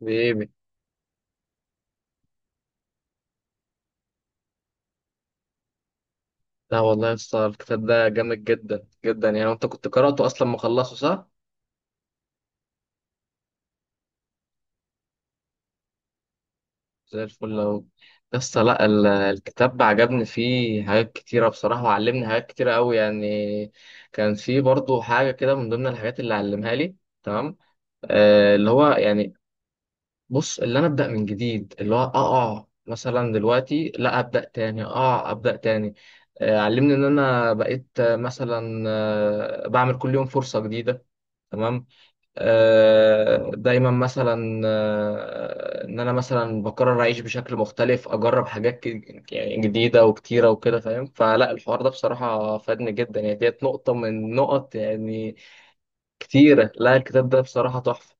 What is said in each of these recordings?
حبيبي. لا والله يا اسطى الكتاب ده جامد جدا جدا، يعني انت كنت قرأته اصلا، مخلصه صح؟ زي الفل اهو. يا اسطى، لا الكتاب عجبني فيه حاجات كتيرة بصراحة، وعلمني حاجات كتيرة قوي يعني. كان فيه برضو حاجة كده من ضمن الحاجات اللي علمها لي، تمام، آه اللي هو يعني، بص اللي انا ابدأ من جديد، اللي هو اقع مثلا دلوقتي لا ابدأ تاني، اقع ابدأ تاني. آه علمني ان انا بقيت مثلا بعمل كل يوم فرصة جديدة، تمام. دايما مثلا، ان انا مثلا بقرر اعيش بشكل مختلف، اجرب حاجات يعني جديده وكتيره وكده فاهم. فلا الحوار ده بصراحه فادني جدا يعني، ديت نقطه من نقط يعني كتيره. لا الكتاب ده بصراحه تحفه.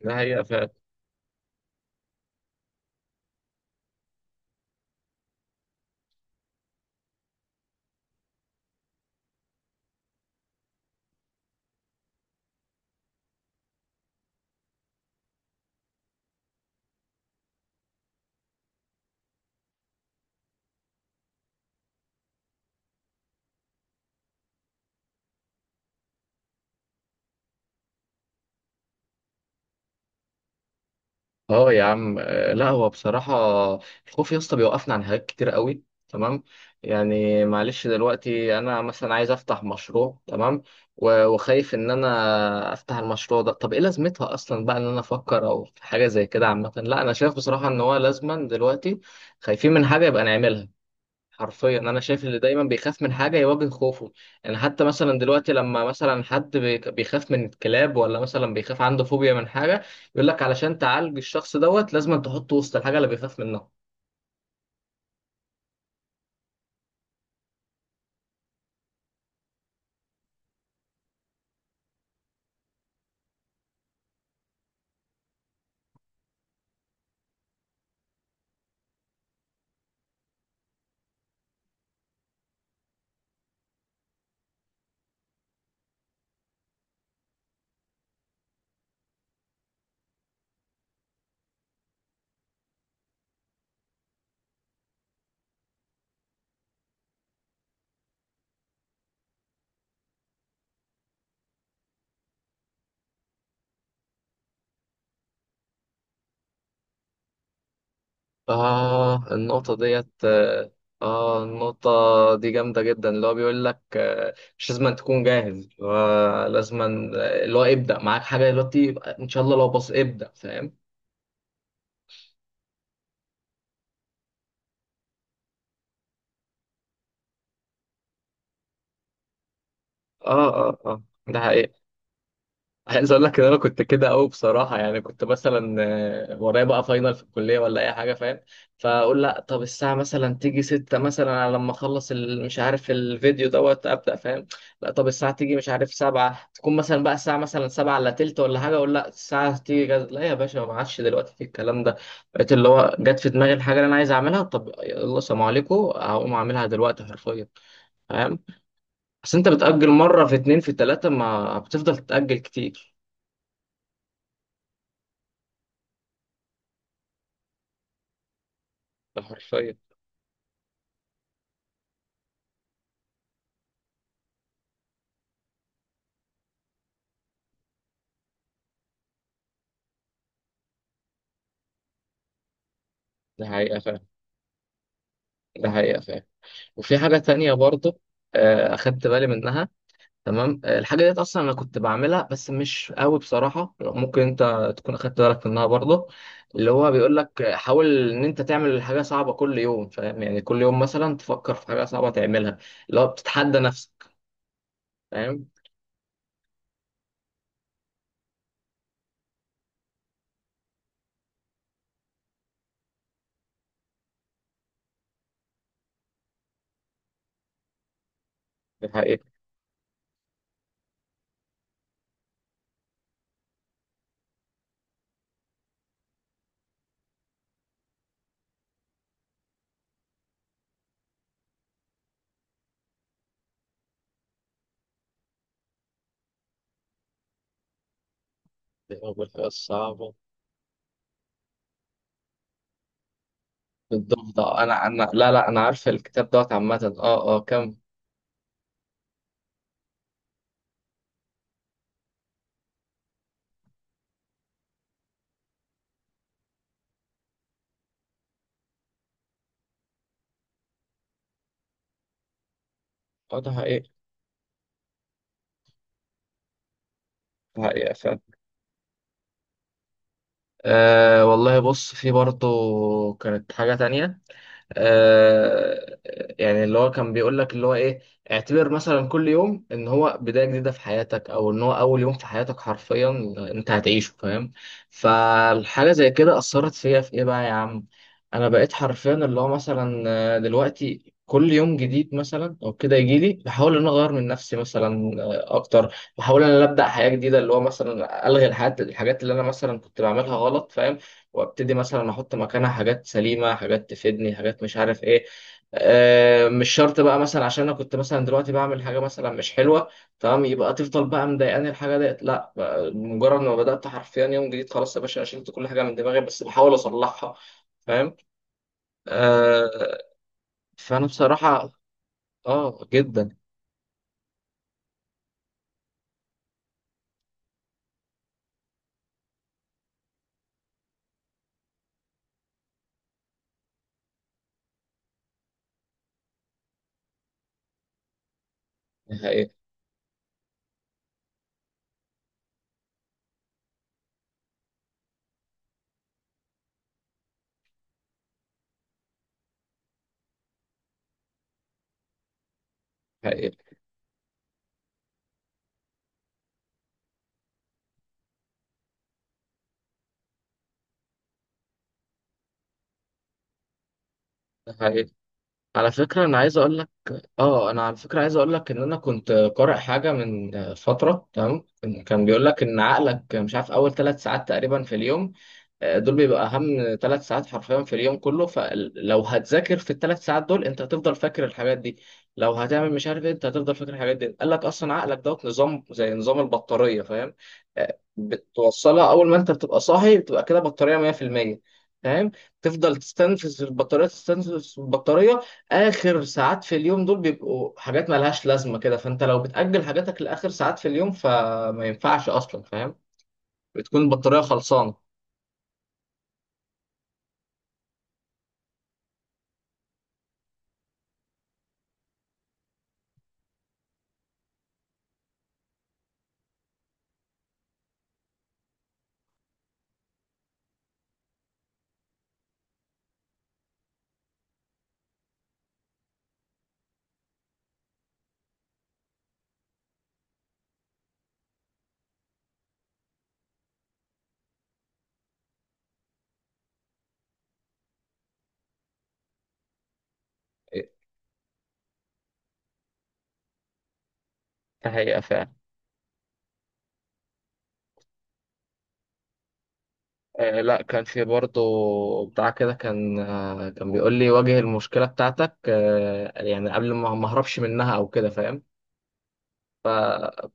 ده حقيقه فعلا. اه يا عم، لا هو بصراحة الخوف يا اسطى بيوقفنا عن حاجات كتير قوي، تمام. يعني معلش دلوقتي انا مثلا عايز افتح مشروع، تمام، وخايف ان انا افتح المشروع ده، طب ايه لازمتها اصلا بقى ان انا افكر او في حاجة زي كده عامة. لا انا شايف بصراحة ان هو لازما دلوقتي خايفين من حاجة يبقى نعملها. حرفيا انا شايف اللي دايما بيخاف من حاجه يواجه خوفه، يعني حتى مثلا دلوقتي لما مثلا حد بيخاف من الكلاب، ولا مثلا بيخاف عنده فوبيا من حاجه، يقول لك علشان تعالج الشخص دوت لازم تحطه وسط الحاجه اللي بيخاف منها. اه النقطه ديت اه، النقطه دي جامده جدا، اللي هو بيقول لك مش لازم تكون جاهز، آه، لازم آه، اللي هو ابدا معاك حاجه دلوقتي، يبقى ان شاء الله لو بص ابدا، فاهم. اه اه اه، ده حقيقي. عايز اقول لك ان انا كنت كده قوي بصراحه، يعني كنت مثلا ورايا بقى فاينل في الكليه ولا اي حاجه فاهم، فاقول لا طب الساعه مثلا تيجي 6 مثلا، على لما اخلص مش عارف الفيديو دوت ابدا فاهم. لا طب الساعه تيجي مش عارف 7، تكون مثلا بقى الساعه مثلا 7 الا تلت ولا حاجه، اقول لا الساعه تيجي جد. لا يا باشا ما عادش دلوقتي في الكلام ده. بقيت اللي هو جت في دماغي الحاجه اللي انا عايز اعملها، طب يلا سلام عليكم هقوم اعملها دلوقتي حرفيا، فاهم. بس انت بتاجل مره في اتنين في تلاته، ما بتفضل تتاجل كتير. ده حرفيا. ده حقيقة فعلا، ده حقيقة فعلا. وفي حاجة تانية برضه، أخدت بالي منها، تمام. الحاجة ديت أصلا أنا كنت بعملها بس مش قوي بصراحة، ممكن أنت تكون أخدت بالك منها برضه. اللي هو بيقول لك حاول إن أنت تعمل حاجة صعبة كل يوم فاهم، يعني كل يوم مثلا تفكر في حاجة صعبة تعملها، اللي هو بتتحدى نفسك، فاهم. دي حقيقة. دي أول حاجة صعبة. بالضبط، أنا أنا لا لا أنا عارف الكتاب دوت عامة، أه أه كم. أه ده حقيقة، ده حقيقة فعلا. أه والله، بص في برضه كانت حاجة تانية، آه، يعني اللي هو كان بيقول لك اللي هو ايه، اعتبر مثلا كل يوم ان هو بداية جديدة في حياتك، او ان هو اول يوم في حياتك حرفيا انت هتعيشه، فاهم. فالحاجة زي كده اثرت فيا في ايه بقى يا عم، انا بقيت حرفيا اللي هو مثلا دلوقتي كل يوم جديد مثلا او كده يجي لي بحاول ان أنا اغير من نفسي مثلا، اكتر بحاول ان انا ابدا حياه جديده، اللي هو مثلا الغي الحاجات اللي انا مثلا كنت بعملها غلط فاهم، وابتدي مثلا احط مكانها حاجات سليمه، حاجات تفيدني، حاجات مش عارف ايه. مش شرط بقى مثلا عشان انا كنت مثلا دلوقتي بعمل حاجه مثلا مش حلوه تمام، يبقى تفضل بقى مضايقاني الحاجه ديت. لا بقى مجرد ما بدات حرفيا يوم جديد، خلاص يا باشا أنا شلت كل حاجه من دماغي، بس بحاول اصلحها فاهم. آه، فانا بصراحه اه جدا ده حقيقي، ده حقيقي، ده حقيقي. على فكره انا عايز اقول، اه انا على فكره عايز اقول لك ان انا كنت قارئ حاجه من فتره تمام، كان بيقول لك ان عقلك مش عارف اول ثلاث ساعات تقريبا في اليوم، دول بيبقى اهم ثلاث ساعات حرفيا في اليوم كله، فلو هتذاكر في الثلاث ساعات دول انت هتفضل فاكر الحاجات دي، لو هتعمل مش عارف إيه، انت هتفضل فاكر الحاجات دي. قال لك اصلا عقلك دوت نظام زي نظام البطاريه، فاهم، بتوصلها اول ما انت بتبقى صاحي بتبقى كده بطاريه 100%، فاهم. تفضل تستنفذ البطاريه، تستنفذ البطاريه، اخر ساعات في اليوم دول بيبقوا حاجات مالهاش لازمه كده، فانت لو بتاجل حاجاتك لاخر ساعات في اليوم فما ينفعش اصلا فاهم، بتكون البطاريه خلصانه. فهي آه، لا كان في برضه بتاع كده، كان آه كان بيقول لي واجه المشكلة بتاعتك، آه يعني قبل ما اهربش منها او كده فاهم.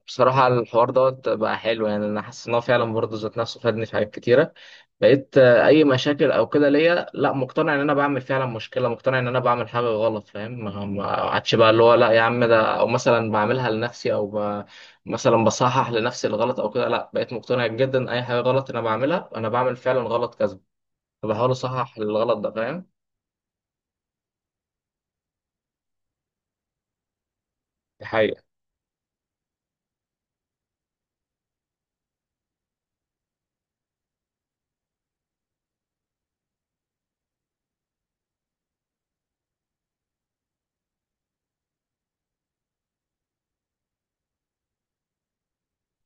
بصراحة الحوار دوت بقى حلو، يعني انا حاسس ان هو فعلا برضه ذات نفسه فادني في حاجات كتيرة. بقيت آه اي مشاكل او كده ليا، لا مقتنع ان انا بعمل فعلا مشكلة، مقتنع ان انا بعمل حاجة غلط فاهم. ما عادش بقى اللي هو لا يا عم ده، او مثلا بعملها لنفسي او ب... مثلا بصحح لنفسي الغلط او كده، لا بقيت مقتنع جدا اي حاجة غلط انا بعملها انا بعمل فعلا غلط كذا، فبحاول اصحح الغلط ده فاهم. دي حقيقة،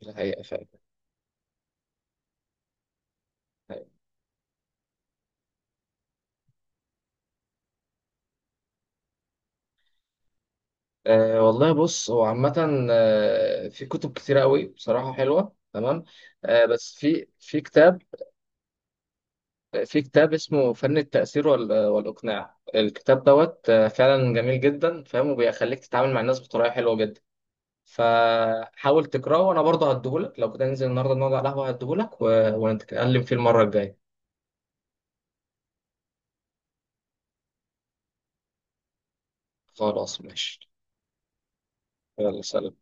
دي حقيقة فعلا، دي حقيقة. أه والله، بص هو عامة في كتب كتيرة قوي بصراحة حلوة تمام، أه بس في كتاب، في كتاب اسمه فن التأثير والإقناع، الكتاب دوت فعلا جميل جدا فاهم، وبيخليك تتعامل مع الناس بطريقة حلوة جدا، فحاول تقرأه. وأنا برضه هديهولك لو كده ننزل النهاردة نقعد على القهوة هديهولك، ونتكلم فيه المرة الجاية. خلاص ماشي، يلا سلام.